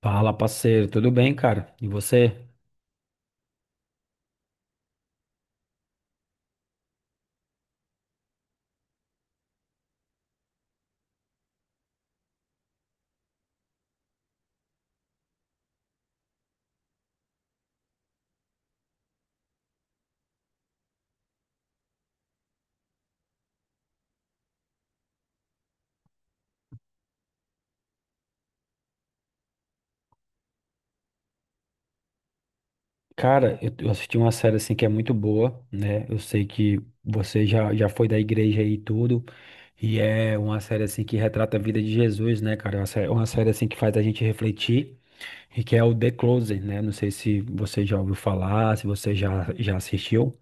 Fala, parceiro, tudo bem, cara? E você? Cara, eu assisti uma série assim que é muito boa, né? Eu sei que você já foi da igreja aí e tudo, e é uma série assim que retrata a vida de Jesus, né, cara? É uma série assim que faz a gente refletir e que é o The Closer, né? Não sei se você já ouviu falar, se você já assistiu.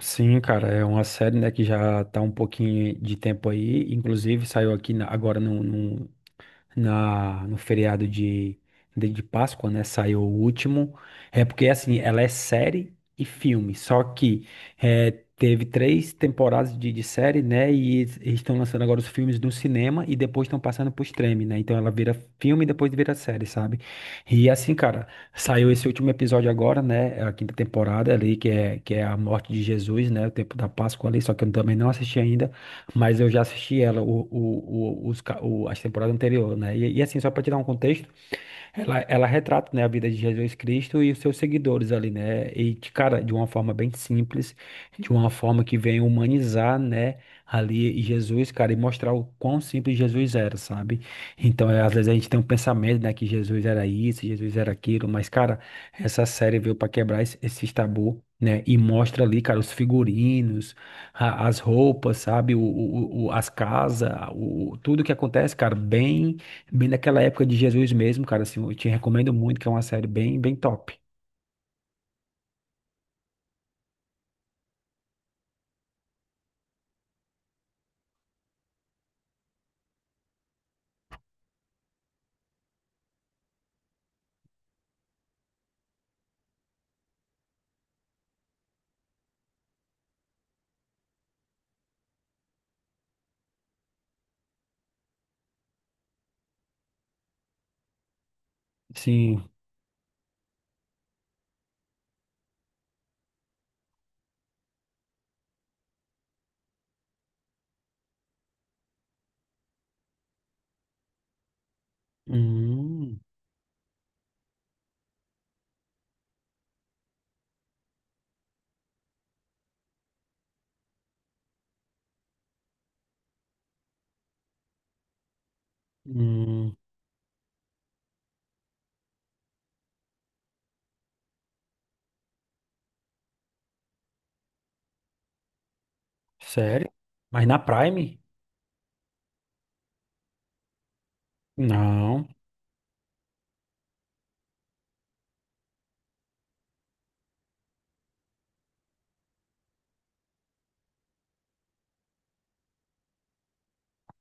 Sim, cara, é uma série, né, que já tá um pouquinho de tempo aí, inclusive saiu agora no feriado de Páscoa, né? Saiu o último. É porque, assim, ela é série e filme. Só que é, teve três temporadas de série, né? E eles estão lançando agora os filmes no cinema e depois estão passando pro streaming, né? Então ela vira filme e depois vira série, sabe? E assim, cara, saiu esse último episódio agora, né? A quinta temporada ali, que é a morte de Jesus, né? O tempo da Páscoa ali, só que eu também não assisti ainda, mas eu já assisti ela, o, os, ca- o- as temporadas anteriores, né? E assim, só para te dar um contexto, ela retrata, né, a vida de Jesus Cristo e os seus seguidores ali, né? E, cara, de uma forma bem simples, de uma forma que vem humanizar, né, ali Jesus, cara, e mostrar o quão simples Jesus era, sabe? Então, às vezes a gente tem um pensamento, né, que Jesus era isso, Jesus era aquilo, mas, cara, essa série veio para quebrar esses tabu. Né? E mostra ali, cara, os figurinos, as roupas, sabe? As casas, tudo que acontece, cara, bem. Bem daquela época de Jesus mesmo, cara, assim, eu te recomendo muito, que é uma série bem, bem top. Sim. Hum, hum, sério? Mas na Prime? Não.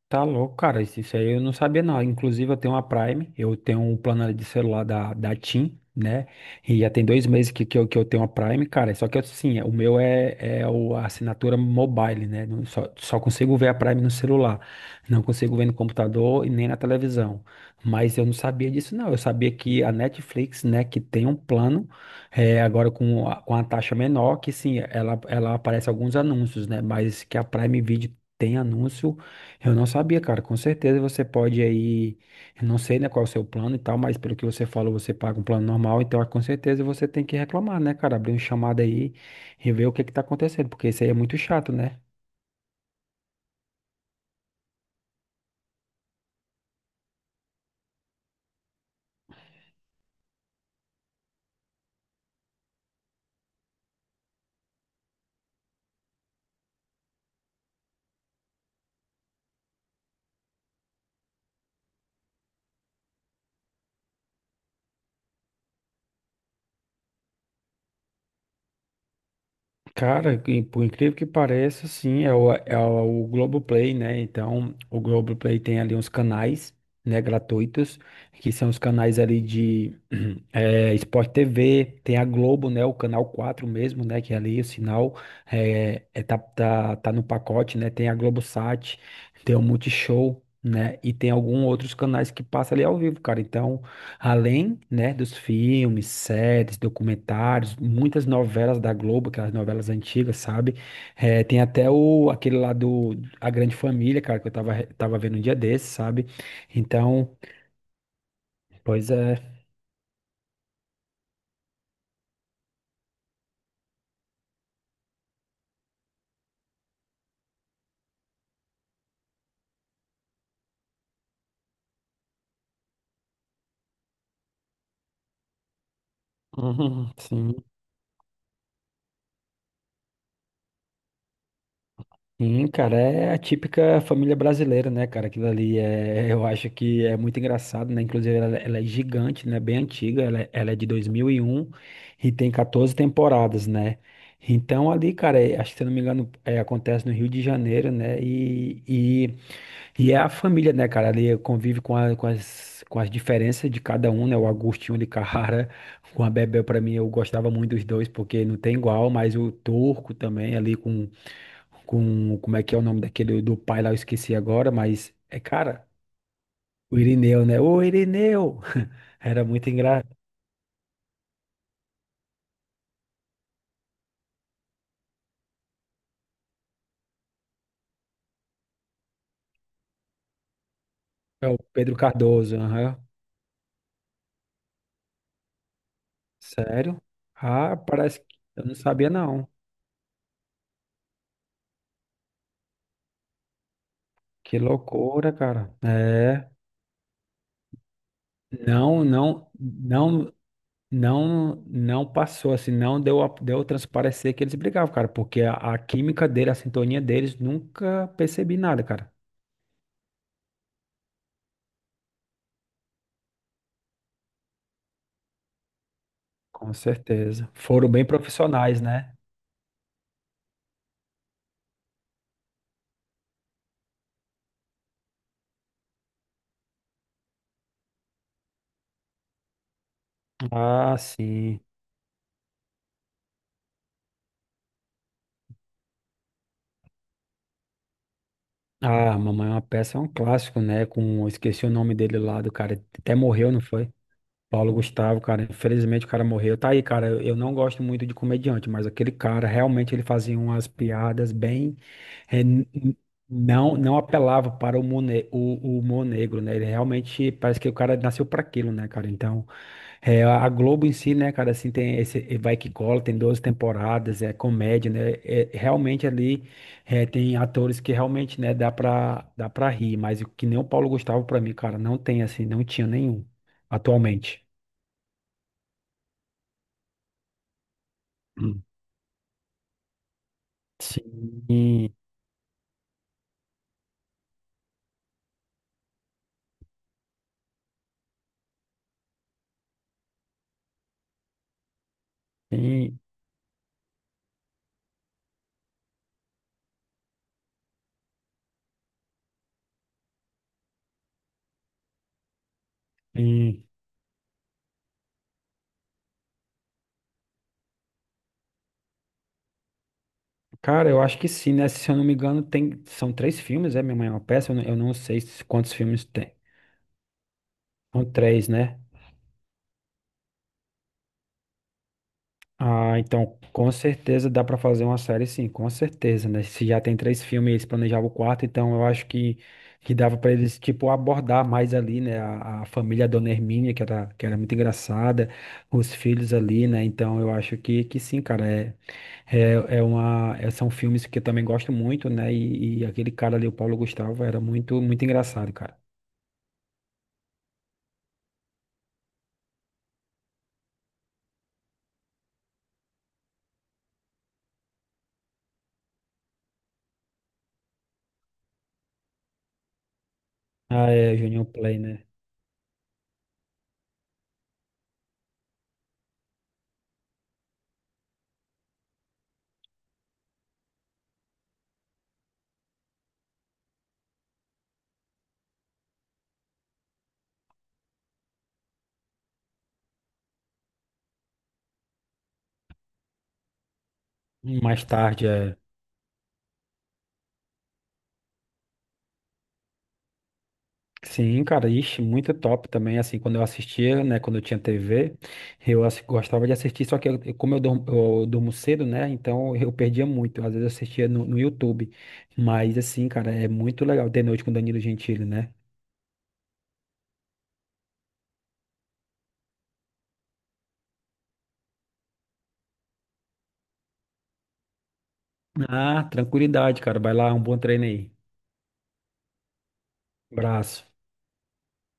Tá louco, cara. Isso aí eu não sabia, não. Inclusive, eu tenho uma Prime, eu tenho um plano de celular da TIM, né? E já tem 2 meses que eu tenho a Prime, cara. Só que assim, o meu é a assinatura mobile, né? Só consigo ver a Prime no celular. Não consigo ver no computador e nem na televisão. Mas eu não sabia disso, não. Eu sabia que a Netflix, né, que tem um plano, agora com a taxa menor, que sim, ela aparece alguns anúncios, né? Mas que a Prime Video tem anúncio. Eu não sabia, cara. Com certeza você pode aí, eu não sei, né, qual é o seu plano e tal, mas pelo que você falou, você paga um plano normal, então ah, com certeza você tem que reclamar, né, cara? Abrir um chamado aí e ver o que que tá acontecendo, porque isso aí é muito chato, né? Cara, e por incrível que pareça, sim, é o Globoplay, né? Então, o Globoplay tem ali uns canais, né, gratuitos, que são os canais ali de Sport TV, tem a Globo, né, o canal 4 mesmo, né, que é ali o sinal tá no pacote, né? Tem a Globosat, tem o Multishow, né? E tem alguns outros canais que passa ali ao vivo, cara. Então, além, né, dos filmes, séries, documentários, muitas novelas da Globo, aquelas novelas antigas, sabe? Tem até aquele lá do A Grande Família, cara, que eu tava vendo um dia desses, sabe? Então, pois é. Uhum, sim. Sim, cara, é a típica família brasileira, né, cara? Aquilo ali eu acho que é muito engraçado, né? Inclusive, ela é gigante, né? Bem antiga, ela é de 2001 e um e tem 14 temporadas, né? Então, ali, cara, acho que se eu não me engano, acontece no Rio de Janeiro, né? E é a família, né, cara? Ali convive com as diferenças de cada um, né? O Agostinho de Carrara com a Bebel, pra mim, eu gostava muito dos dois, porque não tem igual, mas o Turco também ali como é que é o nome daquele do pai lá, eu esqueci agora, mas é cara, o Irineu, né? Ô Irineu! Era muito engraçado. É o Pedro Cardoso, aham. Sério? Ah, parece que eu não sabia, não. Que loucura, cara. Não, não, não, não, não passou assim, não deu a transparecer que eles brigavam, cara, porque a química dele, a sintonia deles, nunca percebi nada, cara. Com certeza. Foram bem profissionais, né? Ah, sim. Ah, Mamãe é uma Peça é um clássico, né? Eu esqueci o nome dele lá do cara, até morreu, não foi? Paulo Gustavo, cara, infelizmente o cara morreu. Tá aí, cara, eu não gosto muito de comediante, mas aquele cara, realmente ele fazia umas piadas bem, é, n- n- não apelava para o humor, o humor negro, né? Ele realmente parece que o cara nasceu para aquilo, né, cara? Então, a Globo em si, né, cara, assim, tem esse Vai Que Cola, tem 12 temporadas, é comédia, né, realmente ali tem atores que realmente, né, dá pra rir, mas o que nem o Paulo Gustavo pra mim, cara, não tem, assim, não tinha nenhum, atualmente. Hum. Sim, sim, sim. Cara, eu acho que sim, né, se eu não me engano, são três filmes, Minha Mãe é uma Peça, eu não sei quantos filmes tem, são três, né? Ah, então com certeza dá pra fazer uma série, sim, com certeza, né? Se já tem três filmes, e eles planejavam o quarto, então eu acho que dava pra eles, tipo, abordar mais ali, né? A família Dona Hermínia, que era muito engraçada, os filhos ali, né? Então eu acho que sim, cara, são filmes que eu também gosto muito, né? E aquele cara ali, o Paulo Gustavo, era muito, muito engraçado, cara. Ah, é, Union Play, né? Mais tarde, é. Sim, cara, ixi, muito top também, assim, quando eu assistia, né, quando eu tinha TV, gostava de assistir, só que como eu durmo cedo, né, então eu perdia muito, às vezes eu assistia no YouTube, mas assim, cara, é muito legal ter noite com Danilo Gentili, né? Ah, tranquilidade, cara, vai lá, um bom treino aí, abraço.